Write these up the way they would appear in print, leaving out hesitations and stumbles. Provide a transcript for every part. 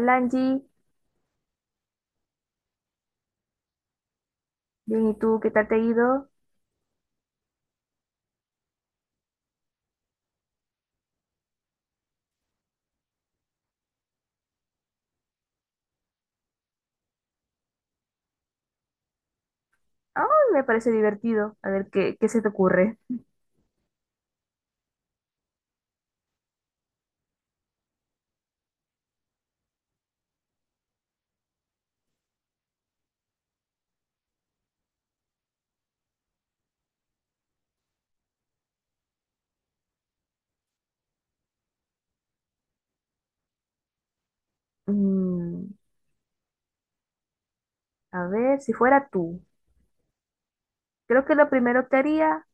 Alangi, bien, ¿y tú qué tal te ha ido? Ah, me parece divertido. A ver, ¿qué se te ocurre? Mm, a ver, si fuera tú, creo que lo primero que haría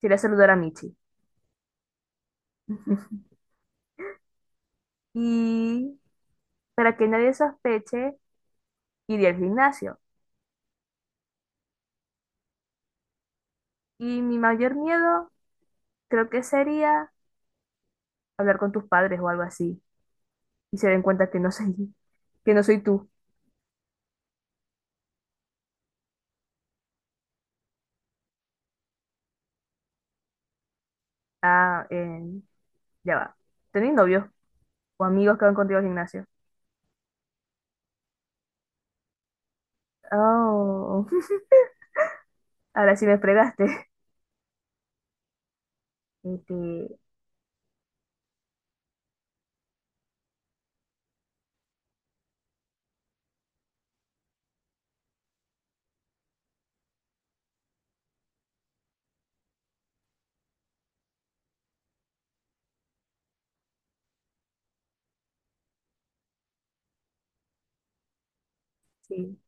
sería saludar a Michi. Y para que nadie sospeche, iría al gimnasio. Y mi mayor miedo creo que sería hablar con tus padres o algo así y se den cuenta que no soy, que no soy tú. Ah, ya va. ¿Tenés novios o amigos que van contigo al gimnasio? Oh, ahora sí me fregaste. Este, sí,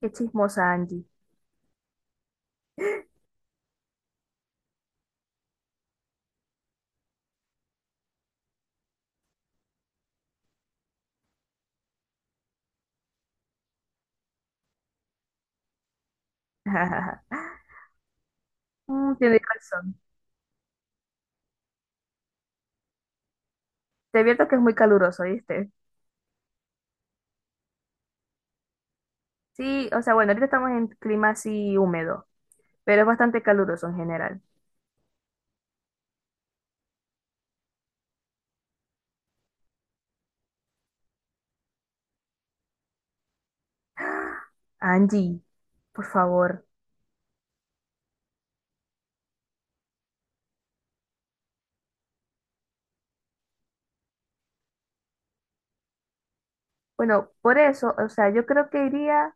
qué chismosa Angie. Mm, tienes razón. Te advierto que es muy caluroso, ¿viste? Sí, o sea, bueno, ahorita estamos en clima así húmedo, pero es bastante caluroso en general. Angie, por favor. Bueno, por eso, o sea, yo creo que iría,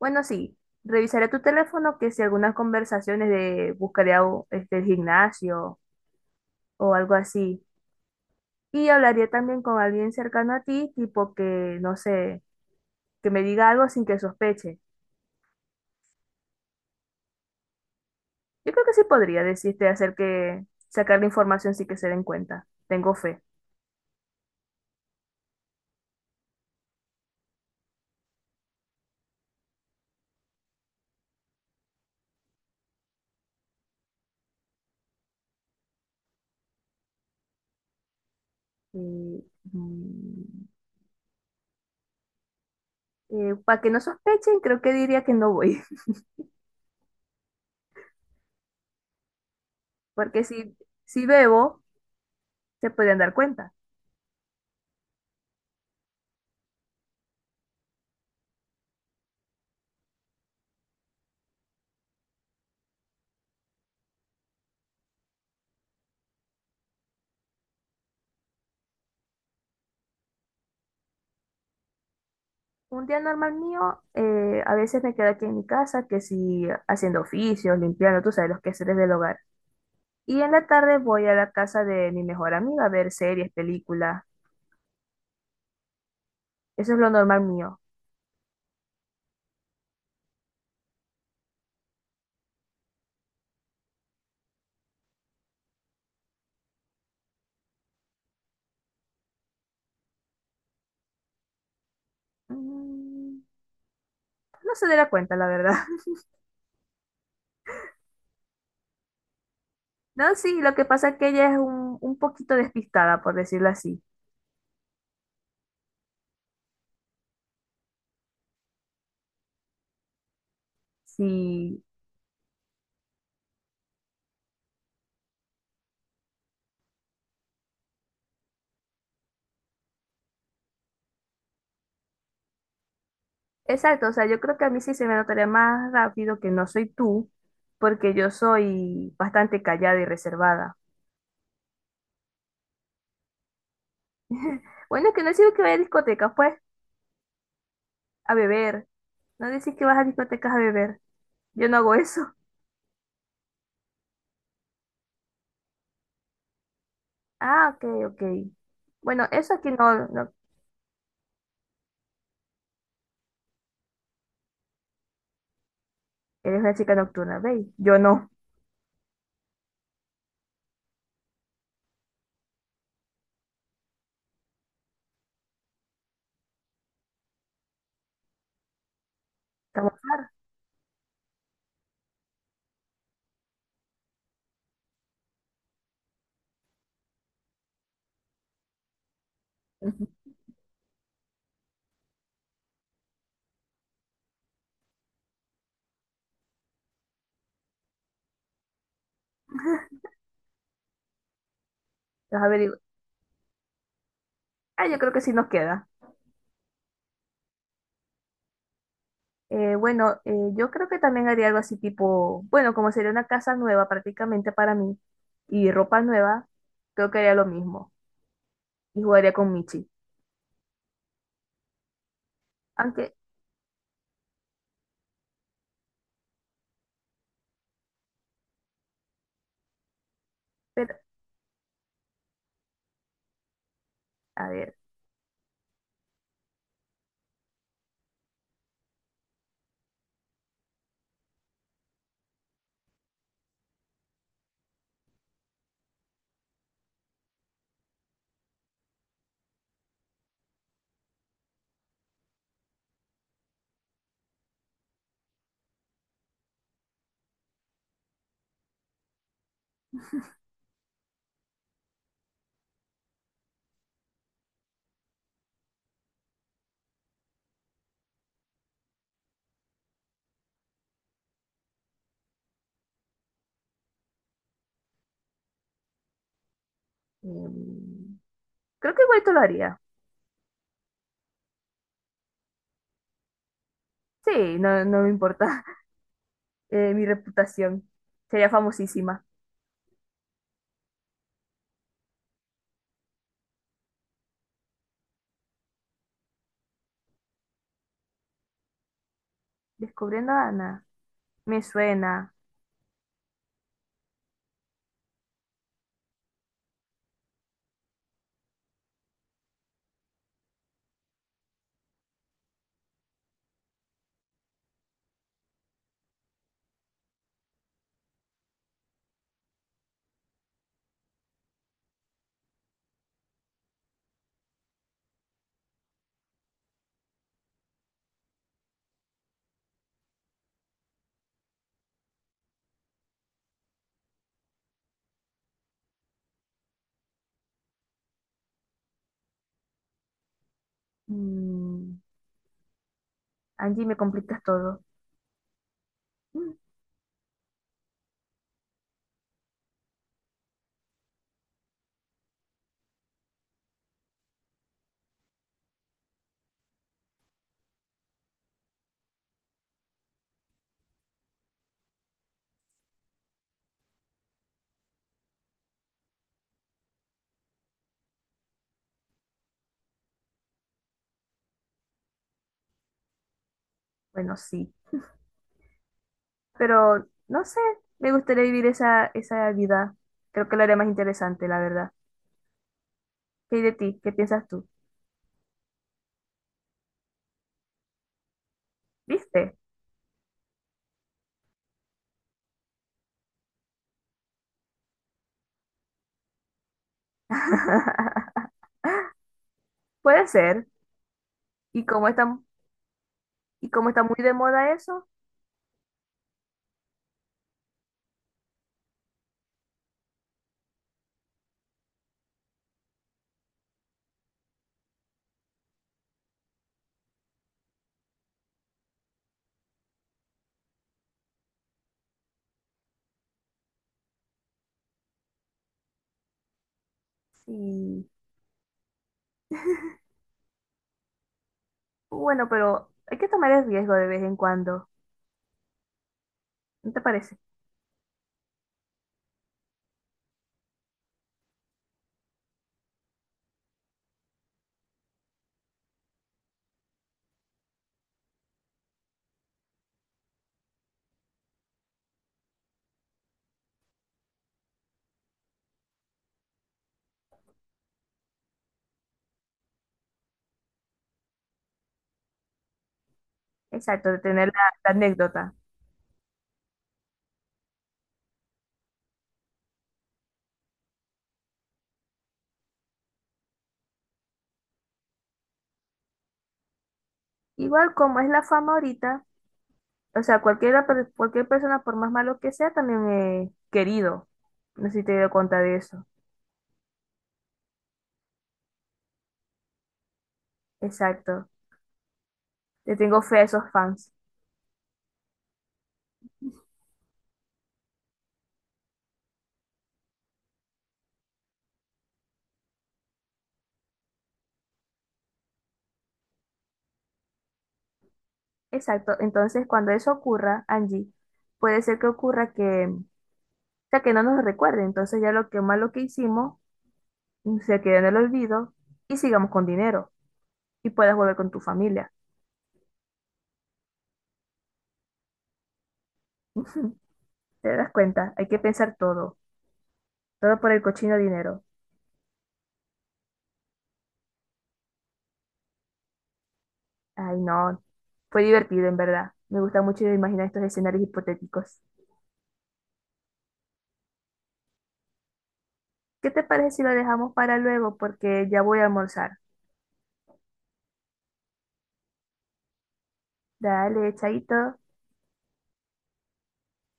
bueno, sí, revisaré tu teléfono que si algunas conversaciones de buscaría o- este, el gimnasio o algo así. Y hablaría también con alguien cercano a ti, tipo que, no sé, que me diga algo sin que sospeche. Yo creo que sí podría decirte hacer que sacar la información sin que se den cuenta. Tengo fe. Y, para que no sospechen, creo que diría que no voy. Porque si, si bebo, se pueden dar cuenta. Un día normal mío, a veces me quedo aquí en mi casa, que si haciendo oficios, limpiando, tú sabes, los quehaceres del hogar. Y en la tarde voy a la casa de mi mejor amiga a ver series, películas. Eso es lo normal mío. Mm, no se dará cuenta, la verdad. No, sí, lo que pasa es que ella es un poquito despistada, por decirlo así. Sí, exacto, o sea, yo creo que a mí sí se me notaría más rápido que no soy tú, porque yo soy bastante callada y reservada. Bueno, que no digo que vaya a discotecas, pues, a beber. No decís que vas a discotecas a beber. Yo no hago eso. Ah, ok, ok. Bueno, eso aquí no, no. Eres una chica nocturna, ¿veis? Yo no. Estamos... los averiguo, ah, yo creo que sí nos queda. Bueno, yo creo que también haría algo así tipo, bueno, como sería una casa nueva prácticamente para mí y ropa nueva, creo que haría lo mismo y jugaría con Michi. Aunque, pero, a ver, em, creo que igual lo haría. Sí, no, no me importa mi reputación. Sería famosísima. Descubriendo a Ana, me suena. Mm, Angie, me complicas todo. Mm, bueno, sí. Pero no sé, me gustaría vivir esa, esa vida. Creo que lo haría más interesante, la verdad. ¿Qué hay de ti? ¿Qué piensas tú? ¿Viste? Puede ser. Y como está, y como está muy de moda eso, sí. Bueno, pero hay que tomar el riesgo de vez en cuando. ¿No te parece? Exacto, de tener la, la anécdota. Igual como es la fama ahorita, o sea, cualquiera, per- cualquier persona, por más malo que sea, también es querido. No sé si te he dado cuenta de eso. Exacto. Le tengo fe a esos fans. Exacto. Entonces, cuando eso ocurra, Angie, puede ser que ocurra que, o sea, que no nos recuerde. Entonces, ya lo que malo que hicimos, mm, se quede en el olvido y sigamos con dinero y puedas volver con tu familia. ¿Te das cuenta? Hay que pensar todo. Todo por el cochino dinero. Ay, no. Fue divertido, en verdad. Me gusta mucho imaginar estos escenarios hipotéticos. ¿Qué te parece si lo dejamos para luego? Porque ya voy a almorzar. Dale, chaito.